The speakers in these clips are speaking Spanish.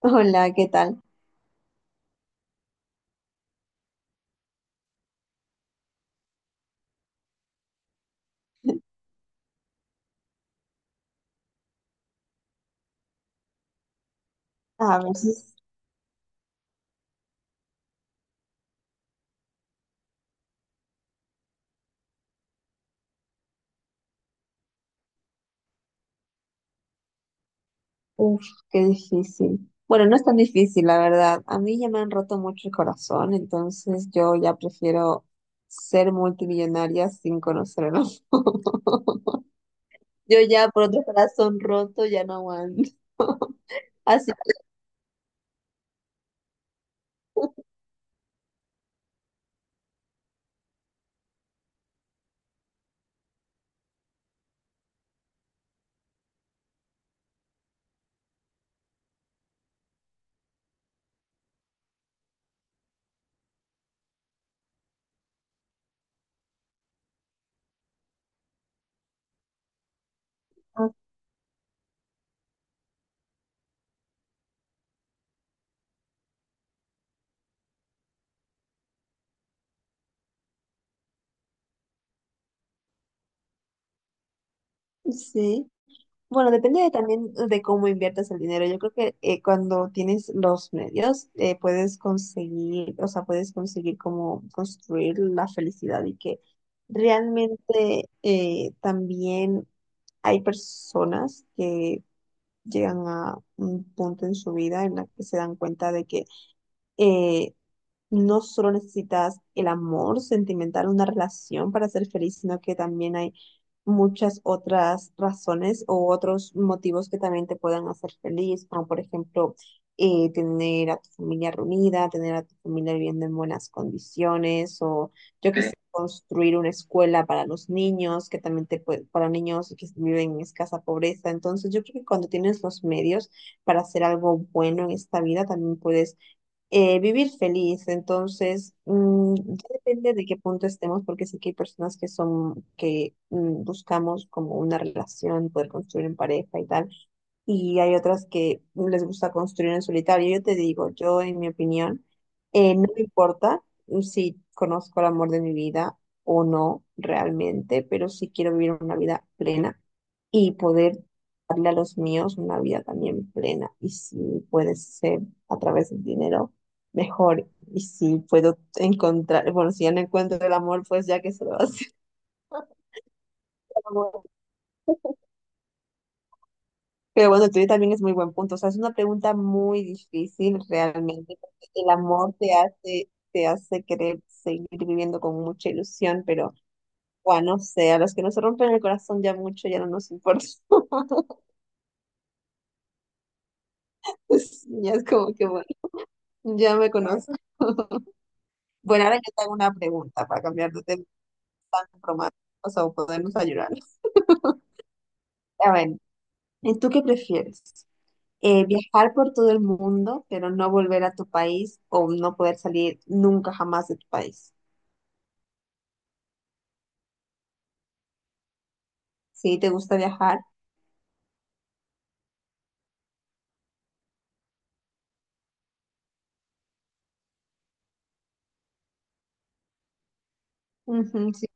Hola, ¿qué tal? A veces, uff, qué difícil. Bueno, no es tan difícil, la verdad. A mí ya me han roto mucho el corazón, entonces yo ya prefiero ser multimillonaria sin conocer el amor. Yo ya por otro corazón roto ya no aguanto. Así que, sí. Bueno, depende de también de cómo inviertas el dinero. Yo creo que cuando tienes los medios, puedes conseguir, o sea, puedes conseguir como construir la felicidad y que realmente también hay personas que llegan a un punto en su vida en la que se dan cuenta de que eh, no solo necesitas el amor sentimental, una relación para ser feliz, sino que también hay muchas otras razones o otros motivos que también te puedan hacer feliz, como por ejemplo tener a tu familia reunida, tener a tu familia viviendo en buenas condiciones, o yo que sé, construir una escuela para los niños, que también te puede, para niños que viven en escasa pobreza. Entonces, yo creo que cuando tienes los medios para hacer algo bueno en esta vida, también puedes vivir feliz. Entonces, ya depende de qué punto estemos, porque sé que hay personas que son, que buscamos como una relación, poder construir en pareja y tal y hay otras que les gusta construir en solitario. Yo te digo, yo en mi opinión, no me importa si conozco el amor de mi vida o no realmente, pero sí quiero vivir una vida plena y poder darle a los míos una vida también plena. Y si puede ser a través del dinero, mejor. Y si puedo encontrar, bueno, si ya no encuentro el amor, pues ya que se lo hace. Pero bueno, el tuyo también es muy buen punto. O sea, es una pregunta muy difícil realmente, porque el amor te hace querer seguir viviendo con mucha ilusión, pero bueno, no sé, a los que nos rompen el corazón ya mucho, ya no nos importa. Sí, ya es como que bueno, ya me conozco. Bueno, ahora yo te hago una pregunta para cambiar de tema tan románticos o podernos ayudar. A ver, ¿Y tú qué prefieres? ¿viajar por todo el mundo, pero no volver a tu país o no poder salir nunca jamás de tu país? Sí, te gusta viajar. Ujú, sí,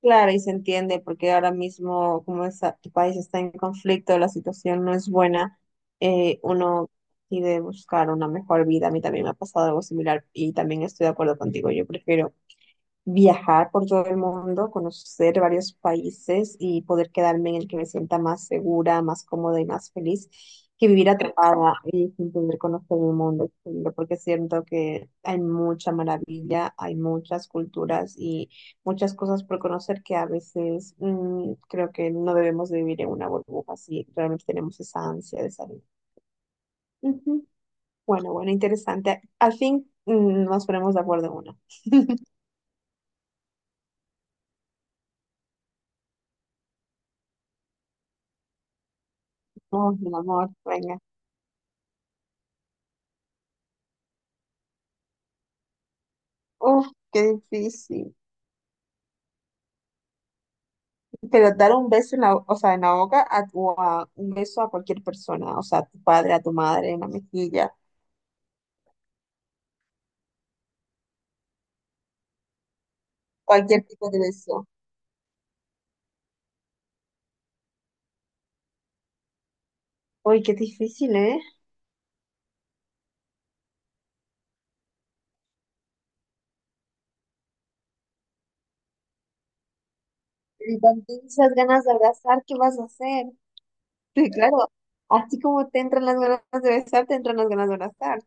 claro, y se entiende porque ahora mismo, como tu país está en conflicto, la situación no es buena, uno decide buscar una mejor vida. A mí también me ha pasado algo similar y también estoy de acuerdo contigo. Yo prefiero viajar por todo el mundo, conocer varios países y poder quedarme en el que me sienta más segura, más cómoda y más feliz que vivir atrapada y sin poder conocer el mundo exterior, porque siento que hay mucha maravilla, hay muchas culturas y muchas cosas por conocer que a veces creo que no debemos de vivir en una burbuja si realmente tenemos esa ansia de salir. Ujú. Bueno, bueno, interesante. Al fin nos ponemos de acuerdo en una. Oh, mi amor, venga. Uf, qué difícil. Pero dar un beso en o sea, en la boca a un beso a cualquier persona, o sea, a tu padre, a tu madre, en la mejilla, cualquier tipo de beso. Uy, qué difícil, ¿eh? Y con esas ganas de abrazar, ¿qué vas a hacer? Porque claro, así como te entran las ganas de besar, te entran las ganas de abrazar.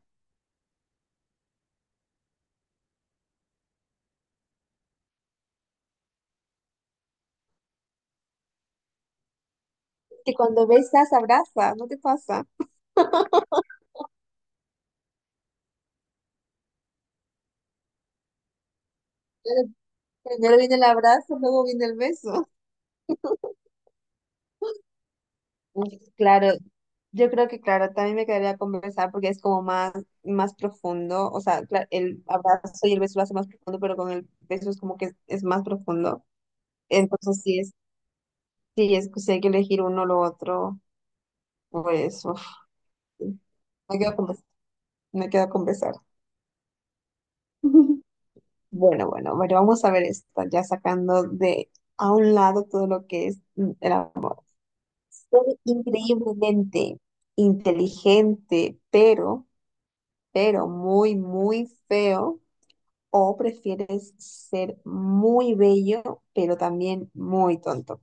Que cuando besas, abrazas, ¿no te pasa? Claro, primero viene el abrazo, luego viene el beso. Uf, claro, yo creo que claro, también me quedaría conversar porque es como más profundo, o sea, el abrazo y el beso lo hace más profundo, pero con el beso es como que es más profundo. Entonces, sí es que si hay que elegir uno o lo otro, pues uf, me quedo con, bes- me quedo con besar. Bueno, bueno, bueno, vamos a ver esto, ya sacando de a un lado todo lo que es el amor. Ser increíblemente inteligente, pero muy, muy feo, o prefieres ser muy bello, pero también muy tonto.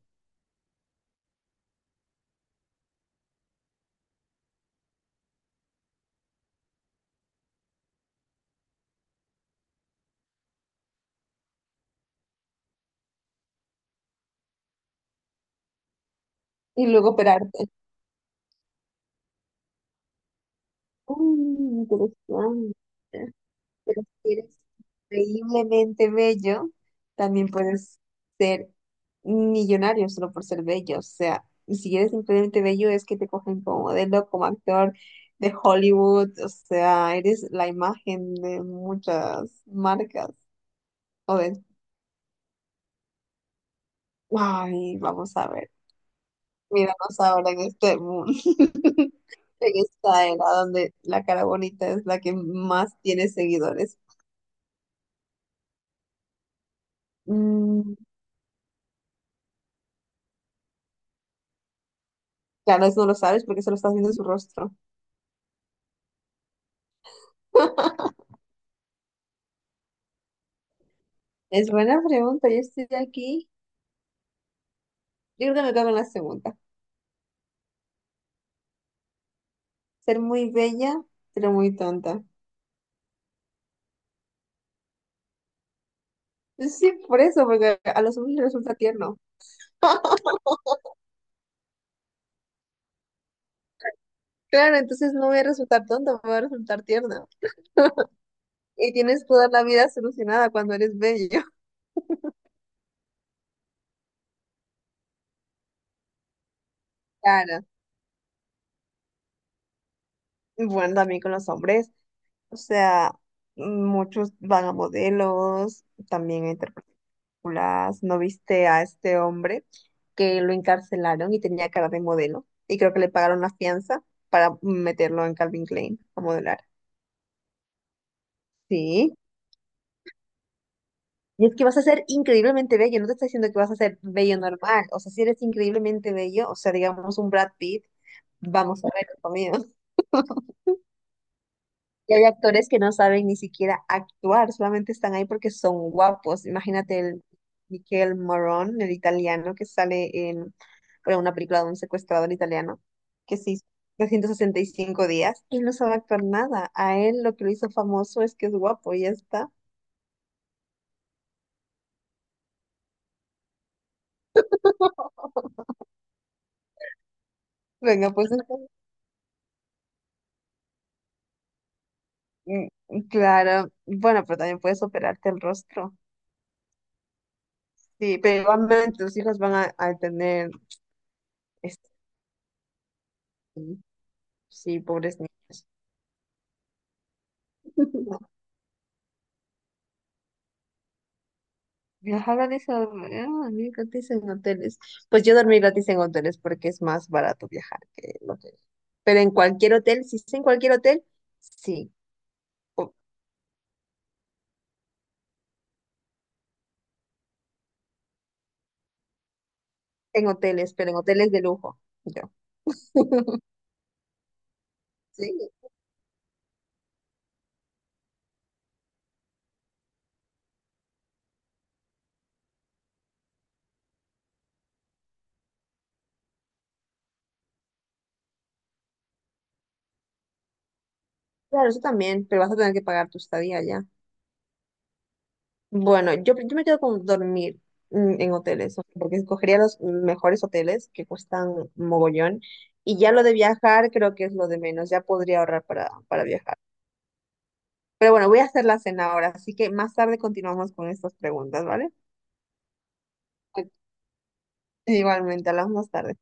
Y luego operarte. Mm, interesante. Pero si eres increíblemente bello, también puedes ser millonario solo por ser bello. O sea, y si eres increíblemente bello, es que te cogen como modelo, como actor de Hollywood. O sea, eres la imagen de muchas marcas. O de... Ay, vamos a ver. Míranos ahora en este mundo, en esta era donde la cara bonita es la que más tiene seguidores. Mm, claro, eso no lo sabes porque solo estás viendo en su rostro. Es buena pregunta, yo estoy aquí. Yo creo que me cago en la segunda. Ser muy bella, pero muy tonta. Sí, por eso, porque a los hombres les resulta tierno. Claro, entonces no voy a resultar tonta, voy a resultar tierna. Y tienes toda la vida solucionada cuando eres bello. Claro, bueno, también con los hombres, o sea, muchos van a modelos, también a interpartículas. ¿No viste a este hombre que lo encarcelaron y tenía cara de modelo? Y creo que le pagaron la fianza para meterlo en Calvin Klein a modelar. Sí. Y es que vas a ser increíblemente bello, no te está diciendo que vas a ser bello normal. O sea, si eres increíblemente bello, o sea, digamos un Brad Pitt, vamos a ver, conmigo. Y hay actores que no saben ni siquiera actuar, solamente están ahí porque son guapos. Imagínate el Michel Morón, el italiano, que sale en bueno, una película de un secuestrador italiano, que se hizo 365 días. Él no sabe actuar nada. A él lo que lo hizo famoso es que es guapo y ya está. Venga, pues mm, claro. Bueno, pero también puedes operarte el rostro. Sí, pero igualmente tus hijos van a tener... este, sí, pobres niños. Ajá, ah, dormir gratis en hoteles. Pues yo dormí gratis en hoteles porque es más barato viajar que en hoteles. Pero en cualquier hotel, si es en cualquier hotel, sí, o- en hoteles, pero en hoteles de lujo. Yo. Sí, claro, eso también, pero vas a tener que pagar tu estadía ya. Bueno, yo me quedo con dormir en hoteles, o sea, porque escogería los mejores hoteles que cuestan mogollón. Y ya lo de viajar creo que es lo de menos, ya podría ahorrar para viajar. Pero bueno, voy a hacer la cena ahora, así que más tarde continuamos con estas preguntas, ¿vale? Ok, igualmente, hablamos más tarde.